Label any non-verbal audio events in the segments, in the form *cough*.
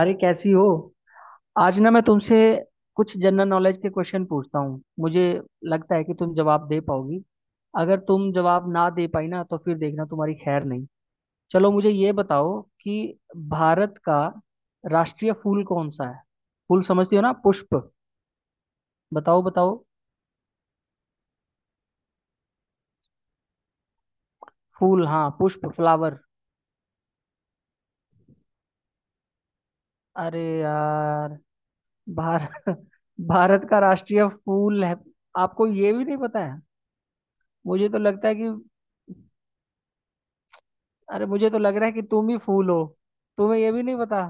अरे, कैसी हो? आज ना मैं तुमसे कुछ जनरल नॉलेज के क्वेश्चन पूछता हूँ। मुझे लगता है कि तुम जवाब दे पाओगी। अगर तुम जवाब ना दे पाई ना तो फिर देखना, तुम्हारी खैर नहीं। चलो मुझे ये बताओ कि भारत का राष्ट्रीय फूल कौन सा है? फूल समझती हो ना, पुष्प। बताओ बताओ। फूल, हाँ, पुष्प, फ्लावर। अरे यार, भारत *laughs* भारत का राष्ट्रीय फूल है। आपको ये भी नहीं पता है? मुझे तो लगता है कि अरे मुझे तो लग रहा है कि तुम ही फूल हो। तुम्हें ये भी नहीं पता।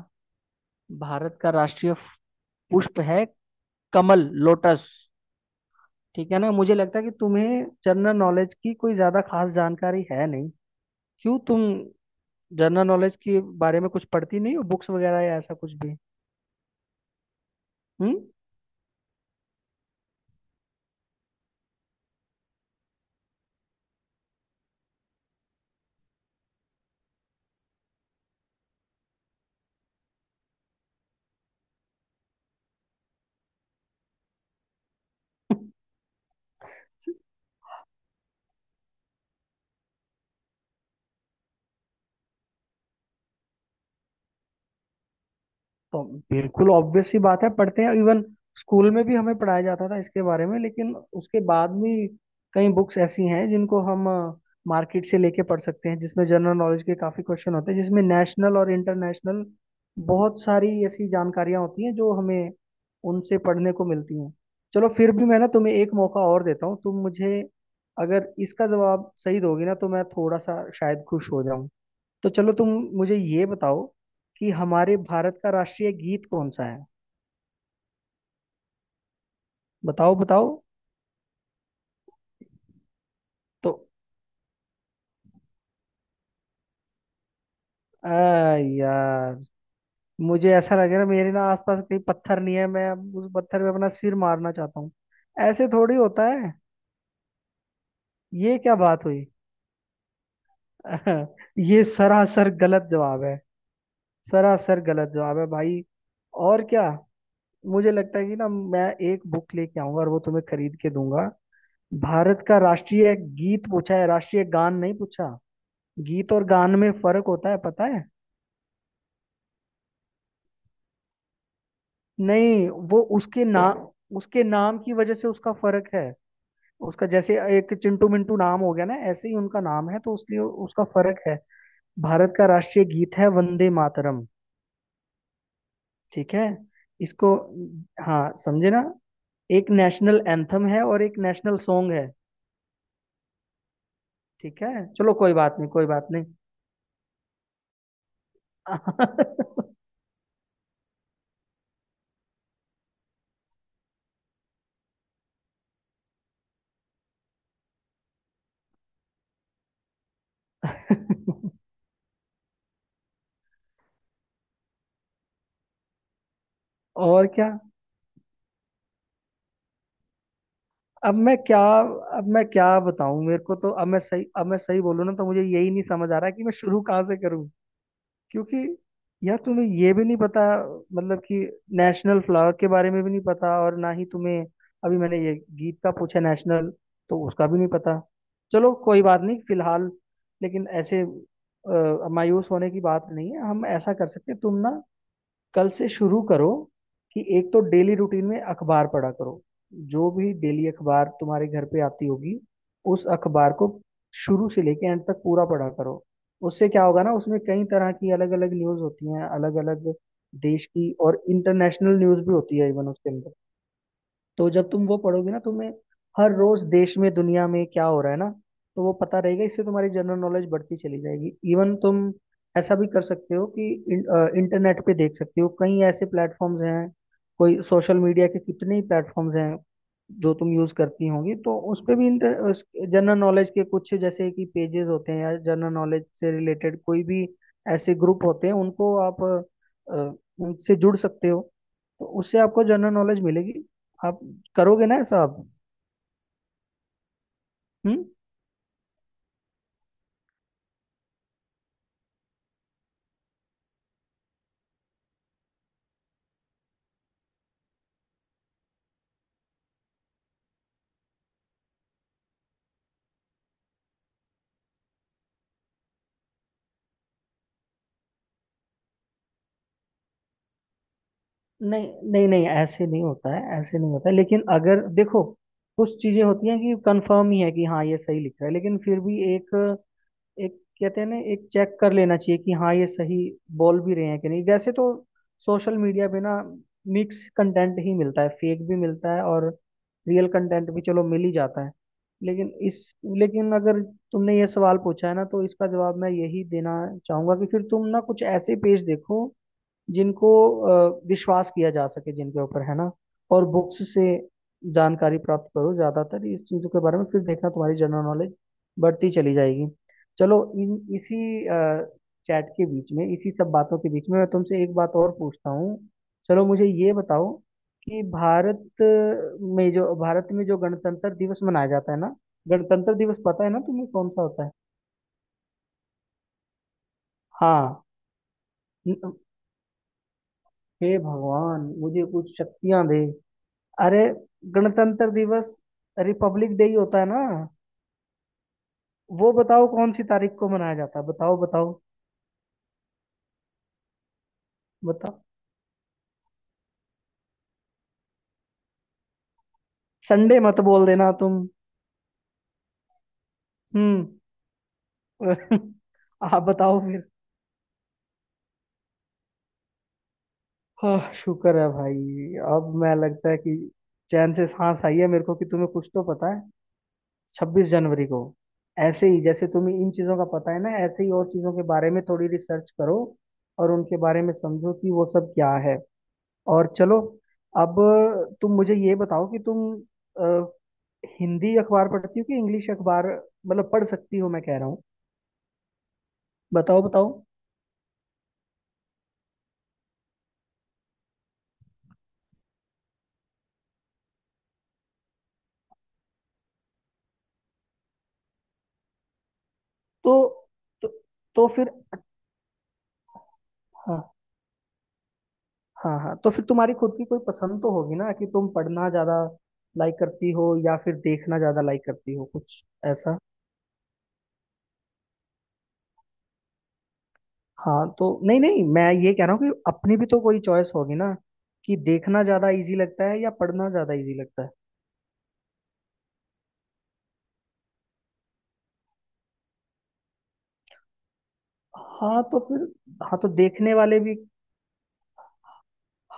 भारत का राष्ट्रीय पुष्प है, कमल, लोटस। ठीक है ना, मुझे लगता है कि तुम्हें जनरल नॉलेज की कोई ज्यादा खास जानकारी है नहीं। क्यों, तुम जनरल नॉलेज के बारे में कुछ पढ़ती नहीं हो, बुक्स वगैरह या ऐसा कुछ भी? हम्म। *laughs* तो बिल्कुल ऑब्वियस सी बात है, पढ़ते हैं। इवन स्कूल में भी हमें पढ़ाया जाता था इसके बारे में, लेकिन उसके बाद भी कई बुक्स ऐसी हैं जिनको हम मार्केट से लेके पढ़ सकते हैं, जिसमें जनरल नॉलेज के काफी क्वेश्चन होते हैं, जिसमें नेशनल और इंटरनेशनल बहुत सारी ऐसी जानकारियां होती हैं जो हमें उनसे पढ़ने को मिलती हैं। चलो फिर भी मैं ना तुम्हें एक मौका और देता हूँ। तुम मुझे अगर इसका जवाब सही दोगी ना तो मैं थोड़ा सा शायद खुश हो जाऊं। तो चलो तुम मुझे ये बताओ कि हमारे भारत का राष्ट्रीय गीत कौन सा है? बताओ बताओ। तो आ यार, मुझे ऐसा लग रहा है मेरे ना आसपास कहीं पत्थर नहीं है, मैं अब उस पत्थर पे अपना सिर मारना चाहता हूँ। ऐसे थोड़ी होता है। ये क्या बात हुई? *laughs* ये सरासर गलत जवाब है। सरासर गलत जवाब है भाई। और क्या। मुझे लगता है कि ना मैं एक बुक लेके आऊंगा और वो तुम्हें खरीद के दूंगा। भारत का राष्ट्रीय गीत पूछा है, राष्ट्रीय गान नहीं पूछा। गीत और गान में फर्क होता है, पता है? नहीं, वो उसके नाम की वजह से उसका फर्क है। उसका जैसे एक चिंटू मिंटू नाम हो गया ना, ऐसे ही उनका नाम है, तो उसलिए उसका फर्क है। भारत का राष्ट्रीय गीत है वंदे मातरम। ठीक है। इसको, हाँ, समझे ना। एक नेशनल एंथम है और एक नेशनल सॉन्ग है। ठीक है, चलो कोई बात नहीं, कोई बात नहीं। *laughs* और क्या। अब मैं क्या अब मैं क्या बताऊं? मेरे को तो अब मैं सही बोलूं ना तो मुझे यही नहीं समझ आ रहा कि मैं शुरू कहाँ से करूं। क्योंकि यार, तुम्हें ये भी नहीं पता। मतलब कि नेशनल फ्लावर के बारे में भी नहीं पता, और ना ही तुम्हें अभी मैंने ये गीत का पूछा नेशनल, तो उसका भी नहीं पता। चलो कोई बात नहीं फिलहाल। लेकिन ऐसे मायूस होने की बात नहीं है। हम ऐसा कर सकते हैं, तुम ना कल से शुरू करो कि एक तो डेली रूटीन में अखबार पढ़ा करो। जो भी डेली अखबार तुम्हारे घर पे आती होगी, उस अखबार को शुरू से लेके एंड तक पूरा पढ़ा करो। उससे क्या होगा ना, उसमें कई तरह की अलग अलग न्यूज होती हैं, अलग अलग देश की, और इंटरनेशनल न्यूज भी होती है इवन उसके अंदर। तो जब तुम वो पढ़ोगे ना, तुम्हें हर रोज देश में, दुनिया में क्या हो रहा है ना, तो वो पता रहेगा। इससे तुम्हारी जनरल नॉलेज बढ़ती चली जाएगी। इवन तुम ऐसा भी कर सकते हो कि इंटरनेट पे देख सकते हो। कई ऐसे प्लेटफॉर्म्स हैं। कोई सोशल मीडिया के कितने ही प्लेटफॉर्म्स हैं जो तुम यूज करती होंगी, तो उस पे भी इंटर जनरल नॉलेज के कुछ जैसे कि पेजेस होते हैं या जनरल नॉलेज से रिलेटेड कोई भी ऐसे ग्रुप होते हैं। उनको आप अ, उनसे जुड़ सकते हो। तो उससे आपको जनरल नॉलेज मिलेगी। आप करोगे ना ऐसा, आप? हम्म। नहीं नहीं नहीं, ऐसे नहीं होता है, ऐसे नहीं होता है, लेकिन अगर देखो कुछ चीजें होती हैं कि कंफर्म ही है कि हाँ ये सही लिख रहा है, लेकिन फिर भी एक एक कहते हैं ना, एक चेक कर लेना चाहिए कि हाँ ये सही बोल भी रहे हैं कि नहीं। वैसे तो सोशल मीडिया पे ना मिक्स कंटेंट ही मिलता है, फेक भी मिलता है और रियल कंटेंट भी चलो मिल ही जाता है। लेकिन इस लेकिन अगर तुमने ये सवाल पूछा है ना तो इसका जवाब मैं यही देना चाहूंगा कि फिर तुम ना कुछ ऐसे पेज देखो जिनको विश्वास किया जा सके, जिनके ऊपर, है ना। और बुक्स से जानकारी प्राप्त करो ज्यादातर इस चीजों के बारे में। फिर देखना तुम्हारी जनरल नॉलेज बढ़ती चली जाएगी। चलो इन इसी चैट के बीच में, इसी सब बातों के बीच में मैं तुमसे एक बात और पूछता हूँ। चलो मुझे ये बताओ कि भारत में जो गणतंत्र दिवस मनाया जाता है ना, गणतंत्र दिवस पता है ना तुम्हें कौन सा होता है? हाँ। न- हे भगवान, मुझे कुछ शक्तियां दे। अरे, गणतंत्र दिवस रिपब्लिक डे ही होता है ना। वो बताओ कौन सी तारीख को मनाया जाता है, बताओ बताओ बताओ। संडे मत बोल देना तुम। हम्म। *laughs* आप बताओ फिर। हाँ, शुक्र है भाई। अब मैं लगता है कि चैन से सांस आई है मेरे को कि तुम्हें कुछ तो पता है। 26 जनवरी को। ऐसे ही जैसे तुम्हें इन चीजों का पता है ना, ऐसे ही और चीजों के बारे में थोड़ी रिसर्च करो और उनके बारे में समझो कि वो सब क्या है। और चलो, अब तुम मुझे ये बताओ कि तुम अ, हिंदी अखबार पढ़ती हो कि इंग्लिश अखबार? मतलब पढ़ सकती हो, मैं कह रहा हूँ। बताओ बताओ। तो, तो, फिर। हाँ। हाँ हाँ, तो फिर तुम्हारी खुद की कोई पसंद तो होगी ना कि तुम पढ़ना ज्यादा लाइक करती हो या फिर देखना ज्यादा लाइक करती हो, कुछ ऐसा? हाँ तो नहीं नहीं, मैं ये कह रहा हूँ कि अपनी भी तो कोई चॉइस होगी ना, कि देखना ज्यादा इजी लगता है या पढ़ना ज्यादा इजी लगता है? हाँ, तो फिर, हाँ तो देखने वाले भी,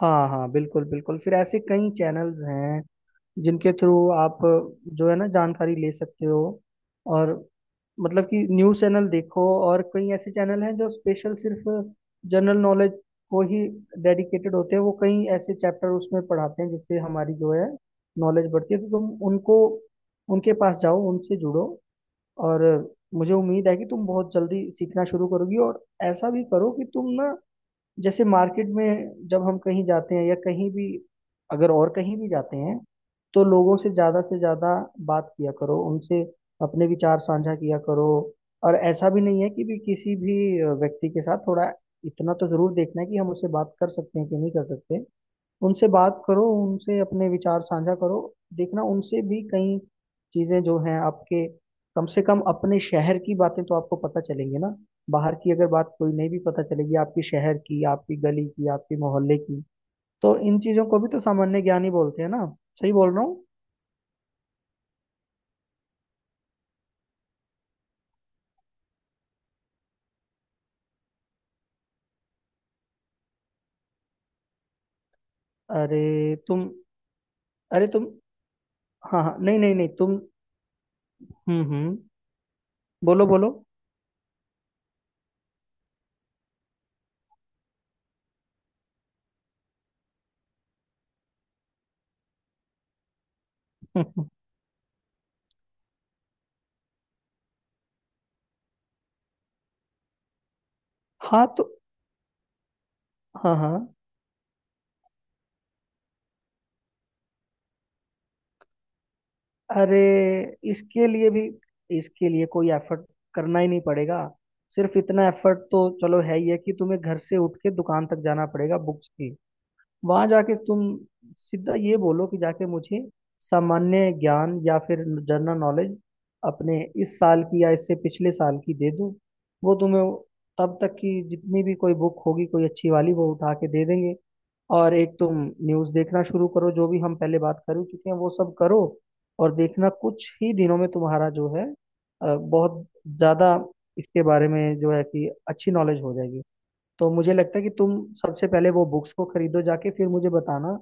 हाँ हाँ, बिल्कुल बिल्कुल, फिर ऐसे कई चैनल्स हैं जिनके थ्रू आप, जो है ना, जानकारी ले सकते हो। और मतलब कि न्यूज़ चैनल देखो और कई ऐसे चैनल हैं जो स्पेशल सिर्फ जनरल नॉलेज को ही डेडिकेटेड होते हैं। वो कई ऐसे चैप्टर उसमें पढ़ाते हैं जिससे हमारी जो है नॉलेज बढ़ती है। तो तुम उनको, उनके पास जाओ, उनसे जुड़ो। और मुझे उम्मीद है कि तुम बहुत जल्दी सीखना शुरू करोगी। और ऐसा भी करो कि तुम ना, जैसे मार्केट में जब हम कहीं जाते हैं या कहीं भी, अगर और कहीं भी जाते हैं, तो लोगों से ज़्यादा बात किया करो, उनसे अपने विचार साझा किया करो। और ऐसा भी नहीं है कि भी किसी भी व्यक्ति के साथ, थोड़ा इतना तो ज़रूर देखना है कि हम उससे बात कर सकते हैं कि नहीं कर सकते। उनसे बात करो, उनसे अपने विचार साझा करो। देखना उनसे भी कई चीजें जो हैं आपके, कम से कम अपने शहर की बातें तो आपको पता चलेंगी ना। बाहर की अगर बात कोई नहीं भी पता चलेगी, आपकी शहर की, आपकी गली की, आपकी मोहल्ले की, तो इन चीजों को भी तो सामान्य ज्ञान ही बोलते हैं ना। सही बोल रहा हूँ। अरे तुम, अरे तुम हाँ हाँ, नहीं नहीं नहीं, तुम, हम्म। बोलो बोलो। *laughs* हाँ तो, हाँ हाँ, अरे, इसके लिए भी इसके लिए कोई एफर्ट करना ही नहीं पड़ेगा। सिर्फ इतना एफर्ट तो चलो है ही है कि तुम्हें घर से उठ के दुकान तक जाना पड़ेगा बुक्स की। वहां जाके तुम सीधा ये बोलो कि जाके मुझे सामान्य ज्ञान या फिर जनरल नॉलेज अपने इस साल की या इससे पिछले साल की दे दो। वो तुम्हें तब तक की जितनी भी कोई बुक होगी कोई अच्छी वाली वो उठा के दे देंगे। और एक तुम न्यूज़ देखना शुरू करो, जो भी हम पहले बात कर चुके हैं वो सब करो। और देखना कुछ ही दिनों में तुम्हारा जो है बहुत ज़्यादा इसके बारे में, जो है कि, अच्छी नॉलेज हो जाएगी। तो मुझे लगता है कि तुम सबसे पहले वो बुक्स को खरीदो जाके, फिर मुझे बताना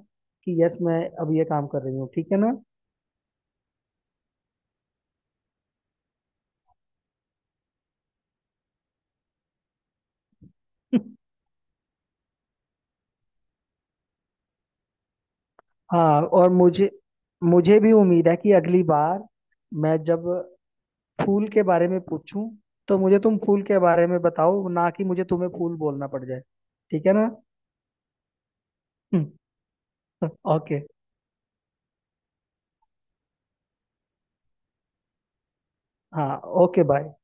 कि यस मैं अब ये काम कर रही हूँ, ठीक है ना। *laughs* हाँ, और मुझे मुझे भी उम्मीद है कि अगली बार, मैं जब फूल के बारे में पूछूं, तो मुझे तुम फूल के बारे में बताओ, ना कि मुझे तुम्हें फूल बोलना पड़ जाए। ठीक है ना। *laughs* ओके। हाँ, ओके बाय।